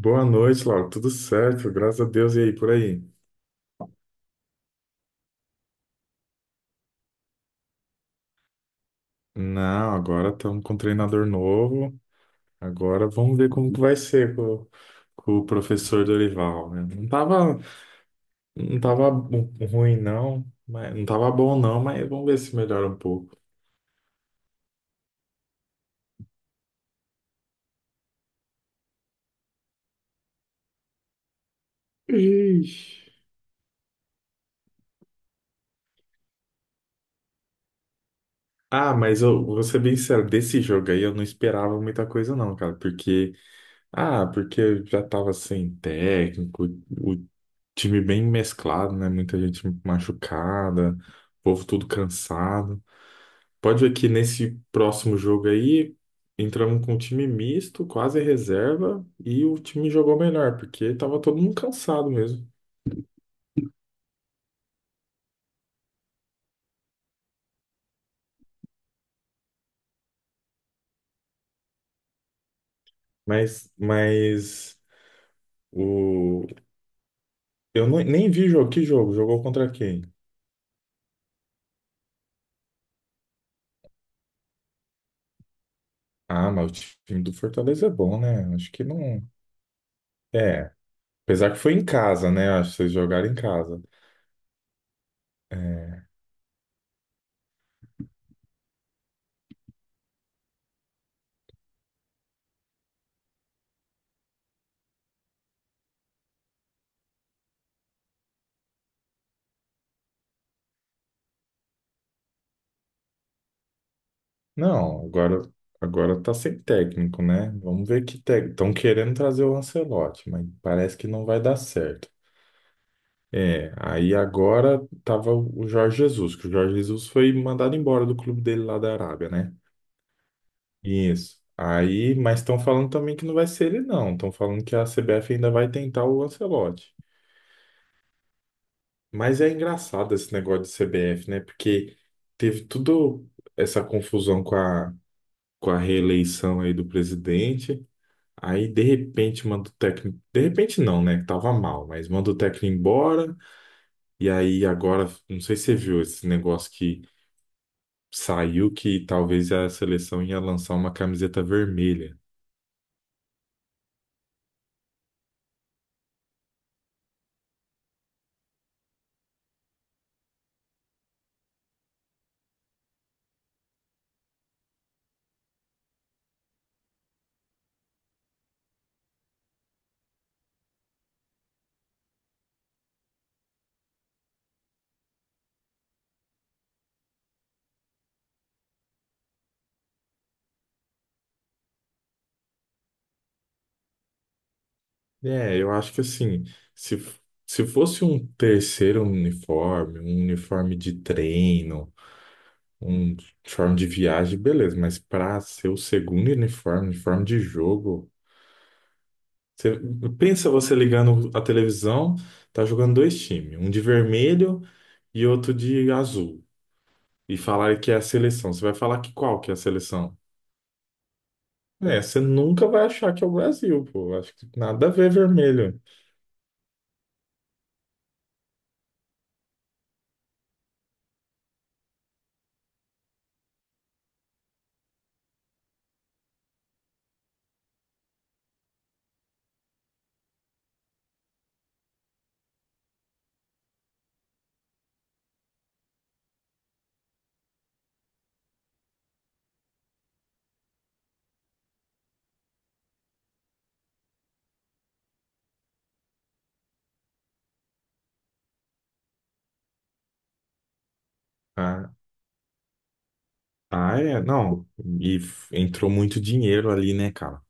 Boa noite, Laura. Tudo certo? Graças a Deus. E aí, por aí? Não, agora estamos com um treinador novo. Agora vamos ver como que vai ser com o professor Dorival, né? Não tava ruim, não. Mas não tava bom, não, mas vamos ver se melhora um pouco. Ixi. Ah, mas eu vou ser bem sincero, desse jogo aí eu não esperava muita coisa, não, cara, porque já estava sem técnico, o time bem mesclado, né? Muita gente machucada, o povo tudo cansado. Pode ver que nesse próximo jogo aí, entramos com um time misto, quase reserva, e o time jogou melhor, porque estava todo mundo cansado mesmo. Mas o... eu nem vi jogo. Que jogo? Jogou contra quem? Ah, mas o time do Fortaleza é bom, né? Acho que não. É. Apesar que foi em casa, né? Acho que vocês jogaram em casa. É. Não, agora tá sem técnico, né? Vamos ver que técnico. Estão querendo trazer o Ancelotti, mas parece que não vai dar certo. É, aí agora tava o Jorge Jesus, que o Jorge Jesus foi mandado embora do clube dele lá da Arábia, né? Isso. Aí, mas estão falando também que não vai ser ele, não. Estão falando que a CBF ainda vai tentar o Ancelotti. Mas é engraçado esse negócio de CBF, né? Porque teve tudo essa confusão com a reeleição aí do presidente. Aí, de repente, manda o técnico. De repente, não, né? Que tava mal, mas manda o técnico embora. E aí, agora, não sei se você viu esse negócio que saiu que talvez a seleção ia lançar uma camiseta vermelha. É, eu acho que assim, se, se fosse um terceiro uniforme, um uniforme de treino. Um uniforme de viagem, beleza, mas para ser o segundo uniforme, uniforme de jogo, você, pensa você ligando a televisão, tá jogando dois times, um de vermelho e outro de azul, e falar que é a seleção. Você vai falar que qual que é a seleção? É, você nunca vai achar que é o Brasil, pô. Acho que nada a ver vermelho. Ah, ah, é, não. E entrou muito dinheiro ali, né, cara?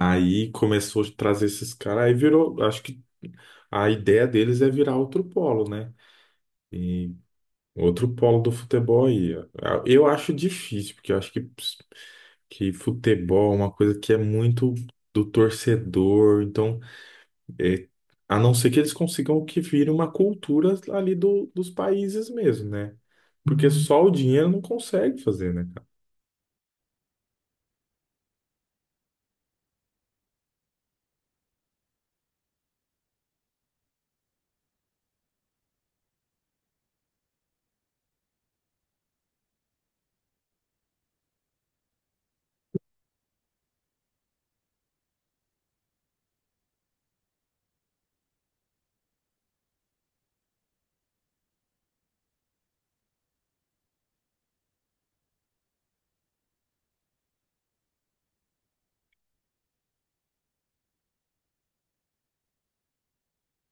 Aí começou a trazer esses caras, aí virou, acho que a ideia deles é virar outro polo, né? E outro polo do futebol aí. Eu acho difícil, porque eu acho que futebol é uma coisa que é muito do torcedor, então, é, a não ser que eles consigam que vire uma cultura ali dos países mesmo, né? Porque só o dinheiro não consegue fazer, né, cara?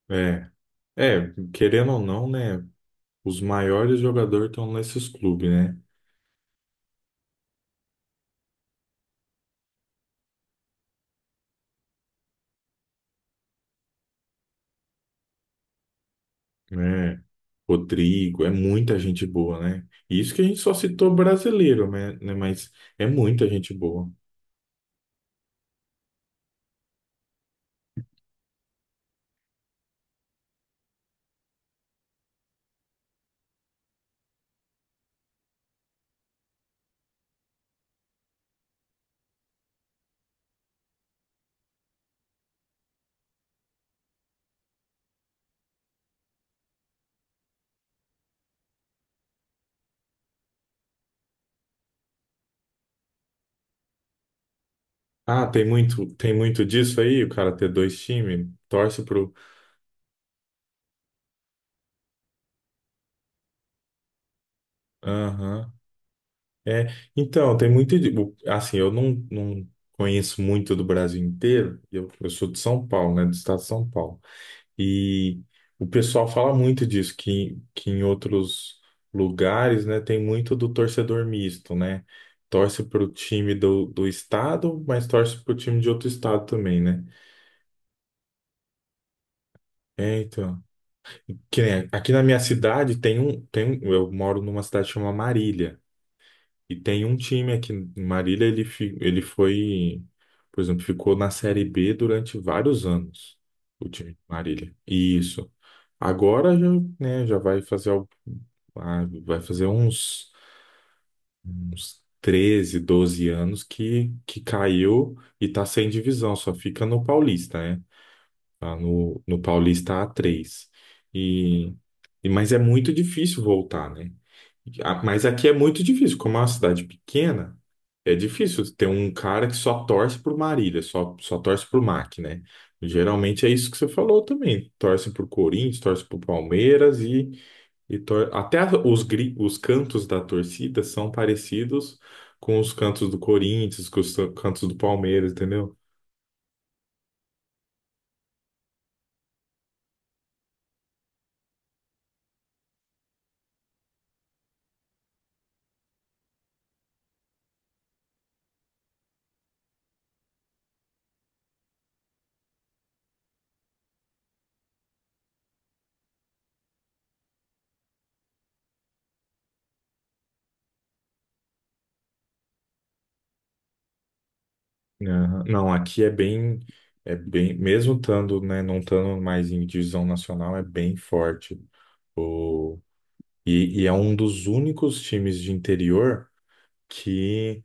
É, é, querendo ou não, né? Os maiores jogadores estão nesses clubes, né? Rodrigo, é muita gente boa, né? Isso que a gente só citou brasileiro, né? Mas é muita gente boa. Ah, tem muito disso aí, o cara ter dois times, torce pro. Aham. É, então, tem muito. Assim, eu não conheço muito do Brasil inteiro, eu sou de São Paulo, né? Do estado de São Paulo. E o pessoal fala muito disso, que em outros lugares, né, tem muito do torcedor misto, né? Torce para o time do estado, mas torce para o time de outro estado também, né? É, então. Que nem aqui na minha cidade eu moro numa cidade chamada Marília. E tem um time aqui em Marília, ele foi, por exemplo, ficou na Série B durante vários anos, o time de Marília. Isso. Agora já, né, já vai fazer uns 13, 12 anos que caiu e tá sem divisão, só fica no Paulista, né? Tá? No Paulista a três. E, mas é muito difícil voltar, né? Mas aqui é muito difícil, como é uma cidade pequena, é difícil ter um cara que só torce por Marília, só torce por MAC, né? Geralmente é isso que você falou também. Torce por Corinthians, torce por Palmeiras e tor- até a- os, gri- os cantos da torcida são parecidos com os cantos do Corinthians, com os cantos do Palmeiras, entendeu? Aham. Não, aqui é bem, mesmo estando, né, não estando mais em divisão nacional, é bem forte. O, e é um dos únicos times de interior que,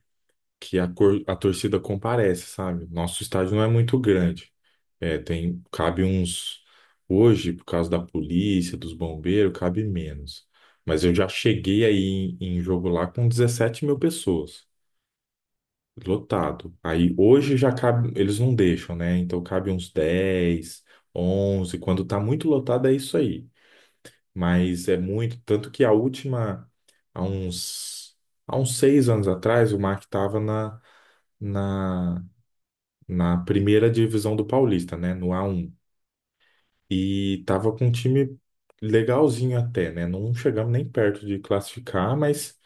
que a torcida comparece, sabe? Nosso estádio não é muito grande. É, cabe uns, hoje, por causa da polícia, dos bombeiros, cabe menos. Mas eu já cheguei aí em jogo lá com 17 mil pessoas. Lotado. Aí hoje já cabe, eles não deixam, né? Então cabe uns 10, 11. Quando tá muito lotado é isso aí. Mas é muito, tanto que a última, há uns, há uns 6 anos atrás, o Mark tava na, na primeira divisão do Paulista, né? No A1. E tava com um time legalzinho até, né? Não chegamos nem perto de classificar, mas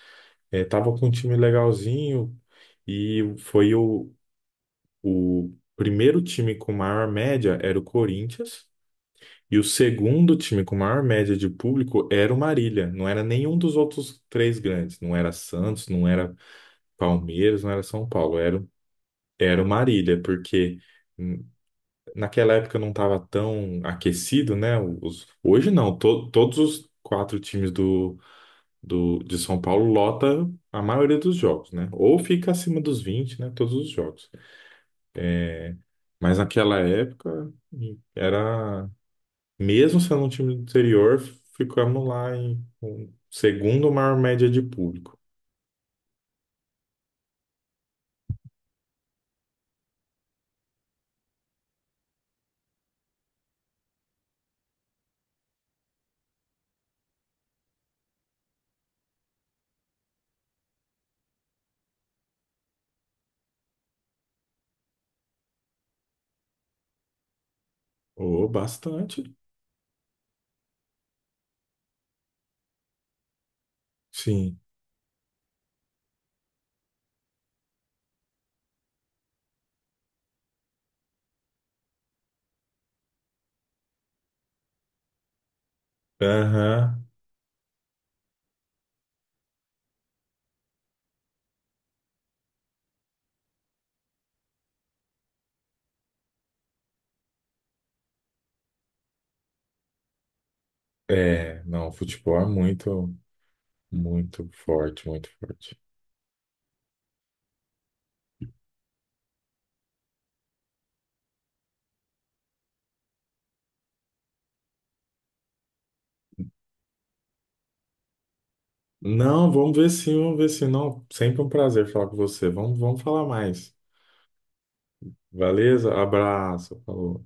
tava com um time legalzinho. E foi o, O primeiro time com maior média era o Corinthians, e o segundo time com maior média de público era o Marília. Não era nenhum dos outros três grandes. Não era Santos, não era Palmeiras, não era São Paulo. Era o Marília, porque hum, naquela época não estava tão aquecido, né? Hoje não. Todos os quatro times de São Paulo lota a maioria dos jogos, né? Ou fica acima dos 20, né? Todos os jogos. Mas naquela época era, mesmo sendo um time do interior, ficamos lá em com segundo maior média de público. Oh, bastante. Sim. Aham. É, não, futebol é muito, muito forte, muito forte. Não, vamos ver sim, vamos ver sim. Não, sempre um prazer falar com você. Vamos falar mais. Beleza? Abraço. Falou.